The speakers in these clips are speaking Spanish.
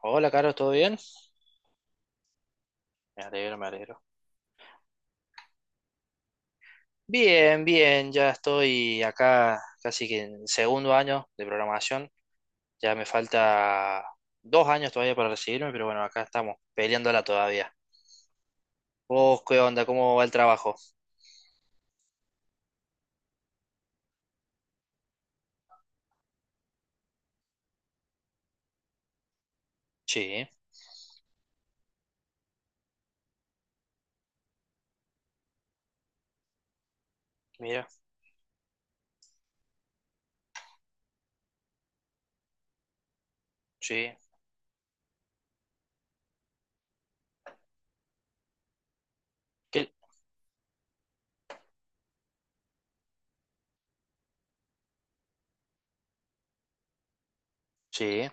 Hola, Carlos, ¿todo bien? Me alegro, me alegro. Bien, bien, ya estoy acá casi que en segundo año de programación. Ya me falta dos años todavía para recibirme, pero bueno, acá estamos, peleándola todavía. ¿Vos qué onda? ¿Cómo va el trabajo? Sí, mira, sí. ¿Qué? Sí,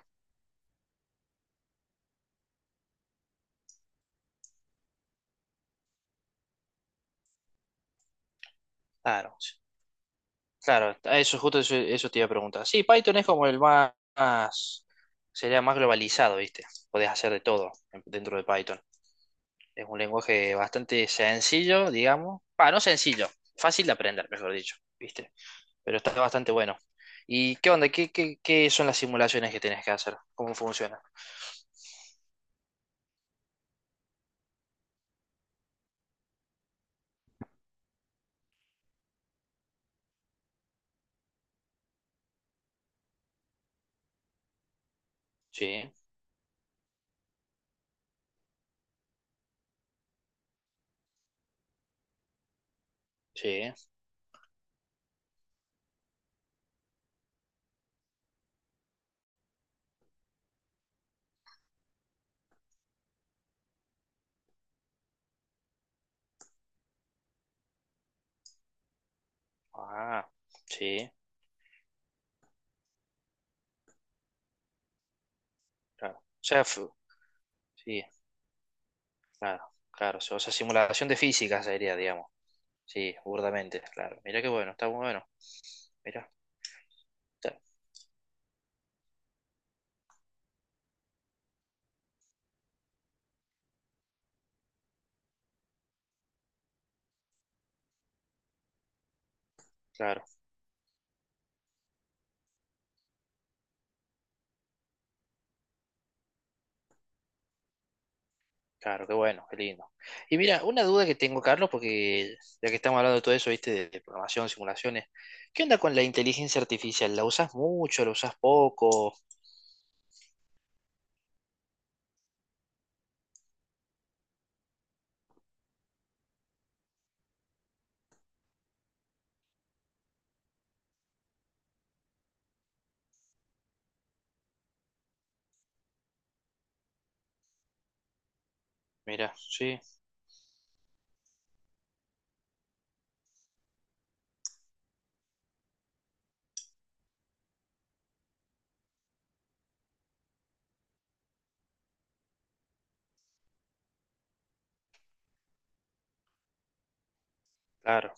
claro, sí. Claro, a eso justo eso, eso te iba a preguntar. Sí, Python es como el más, sería más globalizado, ¿viste? Podés hacer de todo dentro de Python. Es un lenguaje bastante sencillo, digamos. Ah, no sencillo, fácil de aprender, mejor dicho, ¿viste? Pero está bastante bueno. ¿Y qué onda? ¿Qué son las simulaciones que tienes que hacer? ¿Cómo funciona? Sí, sí. Ah, sí, claro. O sea, sí, claro, claro. O sea, simulación de física sería, digamos. Sí, burdamente, claro. Mira qué bueno, está muy bueno. Mira, claro. Claro, qué bueno, qué lindo. Y mira, una duda que tengo, Carlos, porque ya que estamos hablando de todo eso, viste, de programación, simulaciones, ¿qué onda con la inteligencia artificial? ¿La usas mucho? ¿La usas poco? Mira, sí, claro,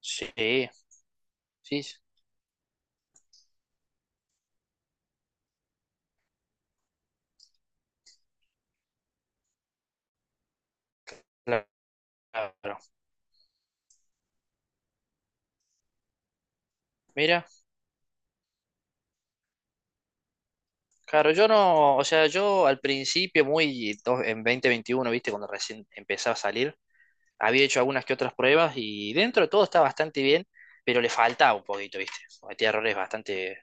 sí, sí, sí, claro. Mira, claro, yo no, o sea, yo al principio, muy en 2021, viste, cuando recién empezaba a salir, había hecho algunas que otras pruebas y dentro de todo está bastante bien, pero le faltaba un poquito, ¿viste? Cometía errores bastante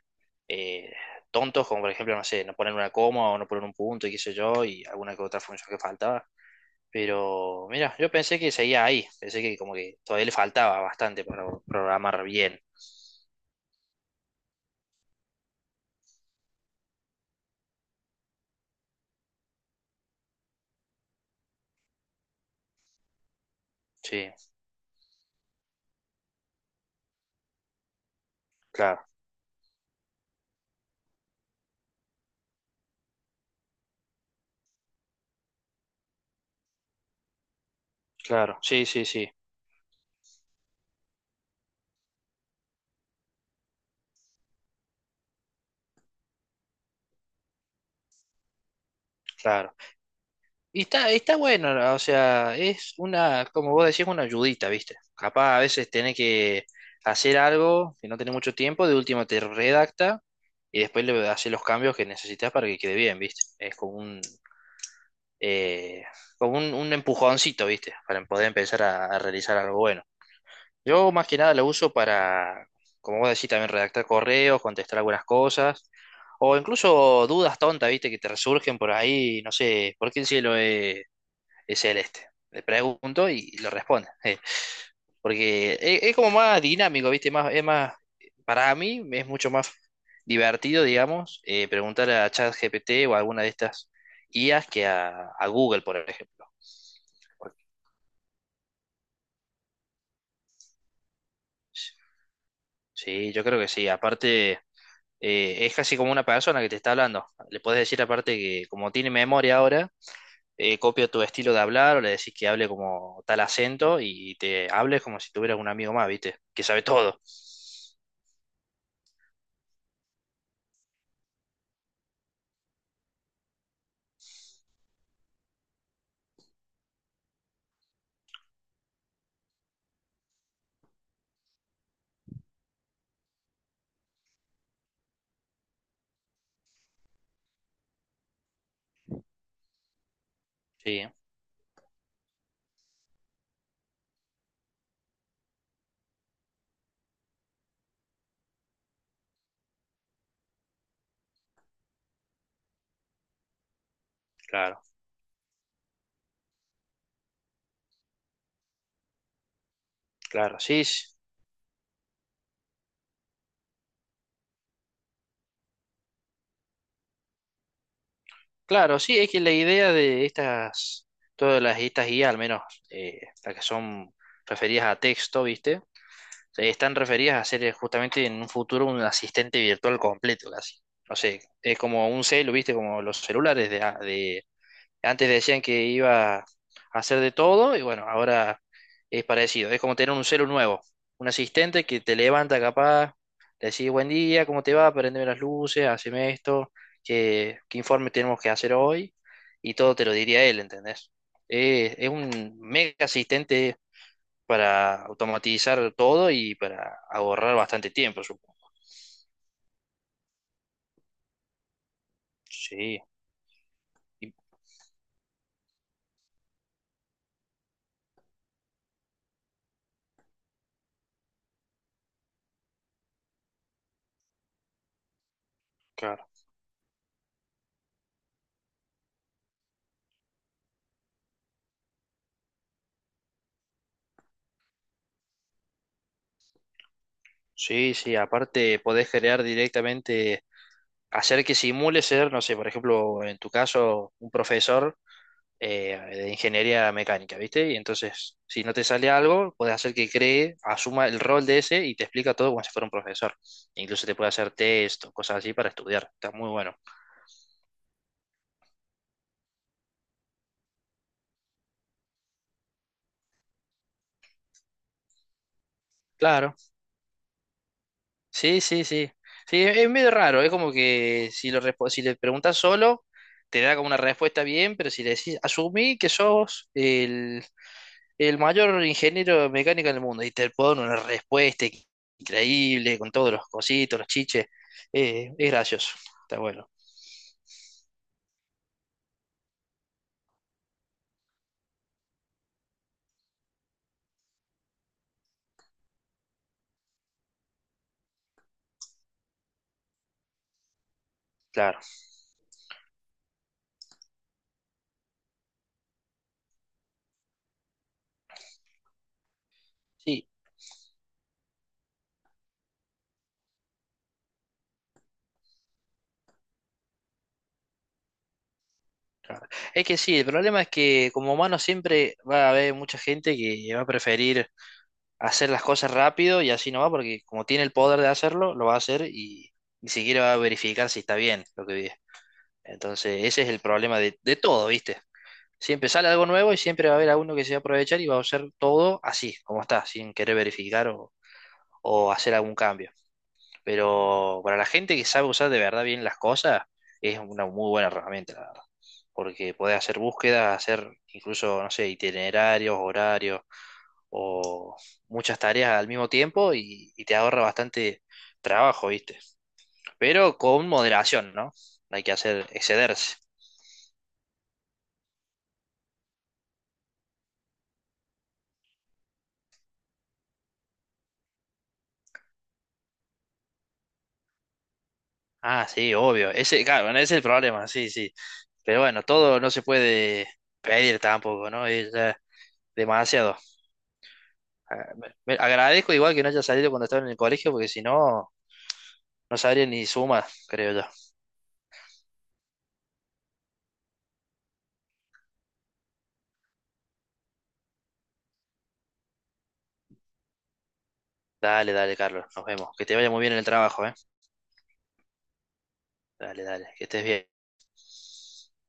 eh, tontos, como por ejemplo, no sé, no poner una coma o no poner un punto y qué sé yo, y alguna que otra función que faltaba. Pero mira, yo pensé que seguía ahí, pensé que como que todavía le faltaba bastante para programar bien. Sí, claro, claro, sí, sí, sí, claro. Y está, está bueno, o sea, es una, como vos decís, una ayudita, ¿viste? Capaz a veces tenés que hacer algo que no tenés mucho tiempo, de último te redacta y después le haces los cambios que necesitas para que quede bien, ¿viste? Eh, como un empujoncito, ¿viste? Para poder empezar a realizar algo bueno. Yo más que nada lo uso para, como vos decís, también redactar correos, contestar algunas cosas, o incluso dudas tontas, ¿viste? Que te resurgen por ahí, no sé, ¿por qué el cielo es el este? Le pregunto y lo responde. Porque es como más dinámico, ¿viste? Más, es más, para mí es mucho más divertido, digamos, preguntar a ChatGPT o a alguna de estas IAs que a Google, por ejemplo. Porque- Sí, yo creo que sí. Aparte, es casi como una persona que te está hablando. Le puedes decir aparte que como tiene memoria ahora, copia tu estilo de hablar o le decís que hable como tal acento y te hables como si tuvieras un amigo más, ¿viste? Que sabe todo. Sí, claro, claro, sí, sí, claro, sí, es que la idea de estas, todas las, estas guías, al menos las que son referidas a texto, ¿viste? Están referidas a ser justamente en un futuro un asistente virtual completo, casi. No sé, es como un celu, ¿viste? Como los celulares de, antes decían que iba a hacer de todo y bueno, ahora es parecido. Es como tener un celu nuevo, un asistente que te levanta capaz, le decís buen día, ¿cómo te va? Prendeme las luces, haceme esto, ¿qué informe tenemos que hacer hoy? Y todo te lo diría él, ¿entendés? Es un mega asistente para automatizar todo y para ahorrar bastante tiempo, supongo. Sí, y- claro. Sí, sí, aparte podés crear directamente, hacer que simule ser, no sé, por ejemplo, en tu caso, un profesor de ingeniería mecánica, ¿viste? Y entonces, si no te sale algo, puedes hacer que cree, asuma el rol de ese y te explica todo como si fuera un profesor. Incluso te puede hacer test o cosas así para estudiar. Está muy bueno. Claro. Sí, sí, sí. Sí, es medio raro. Es como que si, lo, si le preguntas solo, te da como una respuesta bien, pero si le decís, asumí que sos el mayor ingeniero mecánico del mundo y te pone una respuesta increíble con todos los cositos, los chiches. Es gracioso, está bueno, claro. Sí, claro. Es que sí, el problema es que como humano siempre va a haber mucha gente que va a preferir hacer las cosas rápido y así no va, porque como tiene el poder de hacerlo, lo va a hacer y ni siquiera va a verificar si está bien lo que vive. Entonces, ese es el problema de todo, ¿viste? Siempre sale algo nuevo y siempre va a haber alguno que se va a aprovechar y va a usar todo así, como está, sin querer verificar o hacer algún cambio. Pero para la gente que sabe usar de verdad bien las cosas, es una muy buena herramienta, la verdad. Porque podés hacer búsquedas, hacer incluso, no sé, itinerarios, horarios o muchas tareas al mismo tiempo y te ahorra bastante trabajo, ¿viste? Pero con moderación, ¿no? No hay que hacer excederse. Ah, sí, obvio. Ese, claro, bueno, ese es el problema, sí, sí. Pero bueno, todo no se puede pedir tampoco, ¿no? Es ya demasiado. Ah, agradezco igual que no haya salido cuando estaba en el colegio, porque si no, no sabría ni suma, creo yo. Dale, dale, Carlos. Nos vemos. Que te vaya muy bien en el trabajo, ¿eh? Dale, dale. Que estés bien.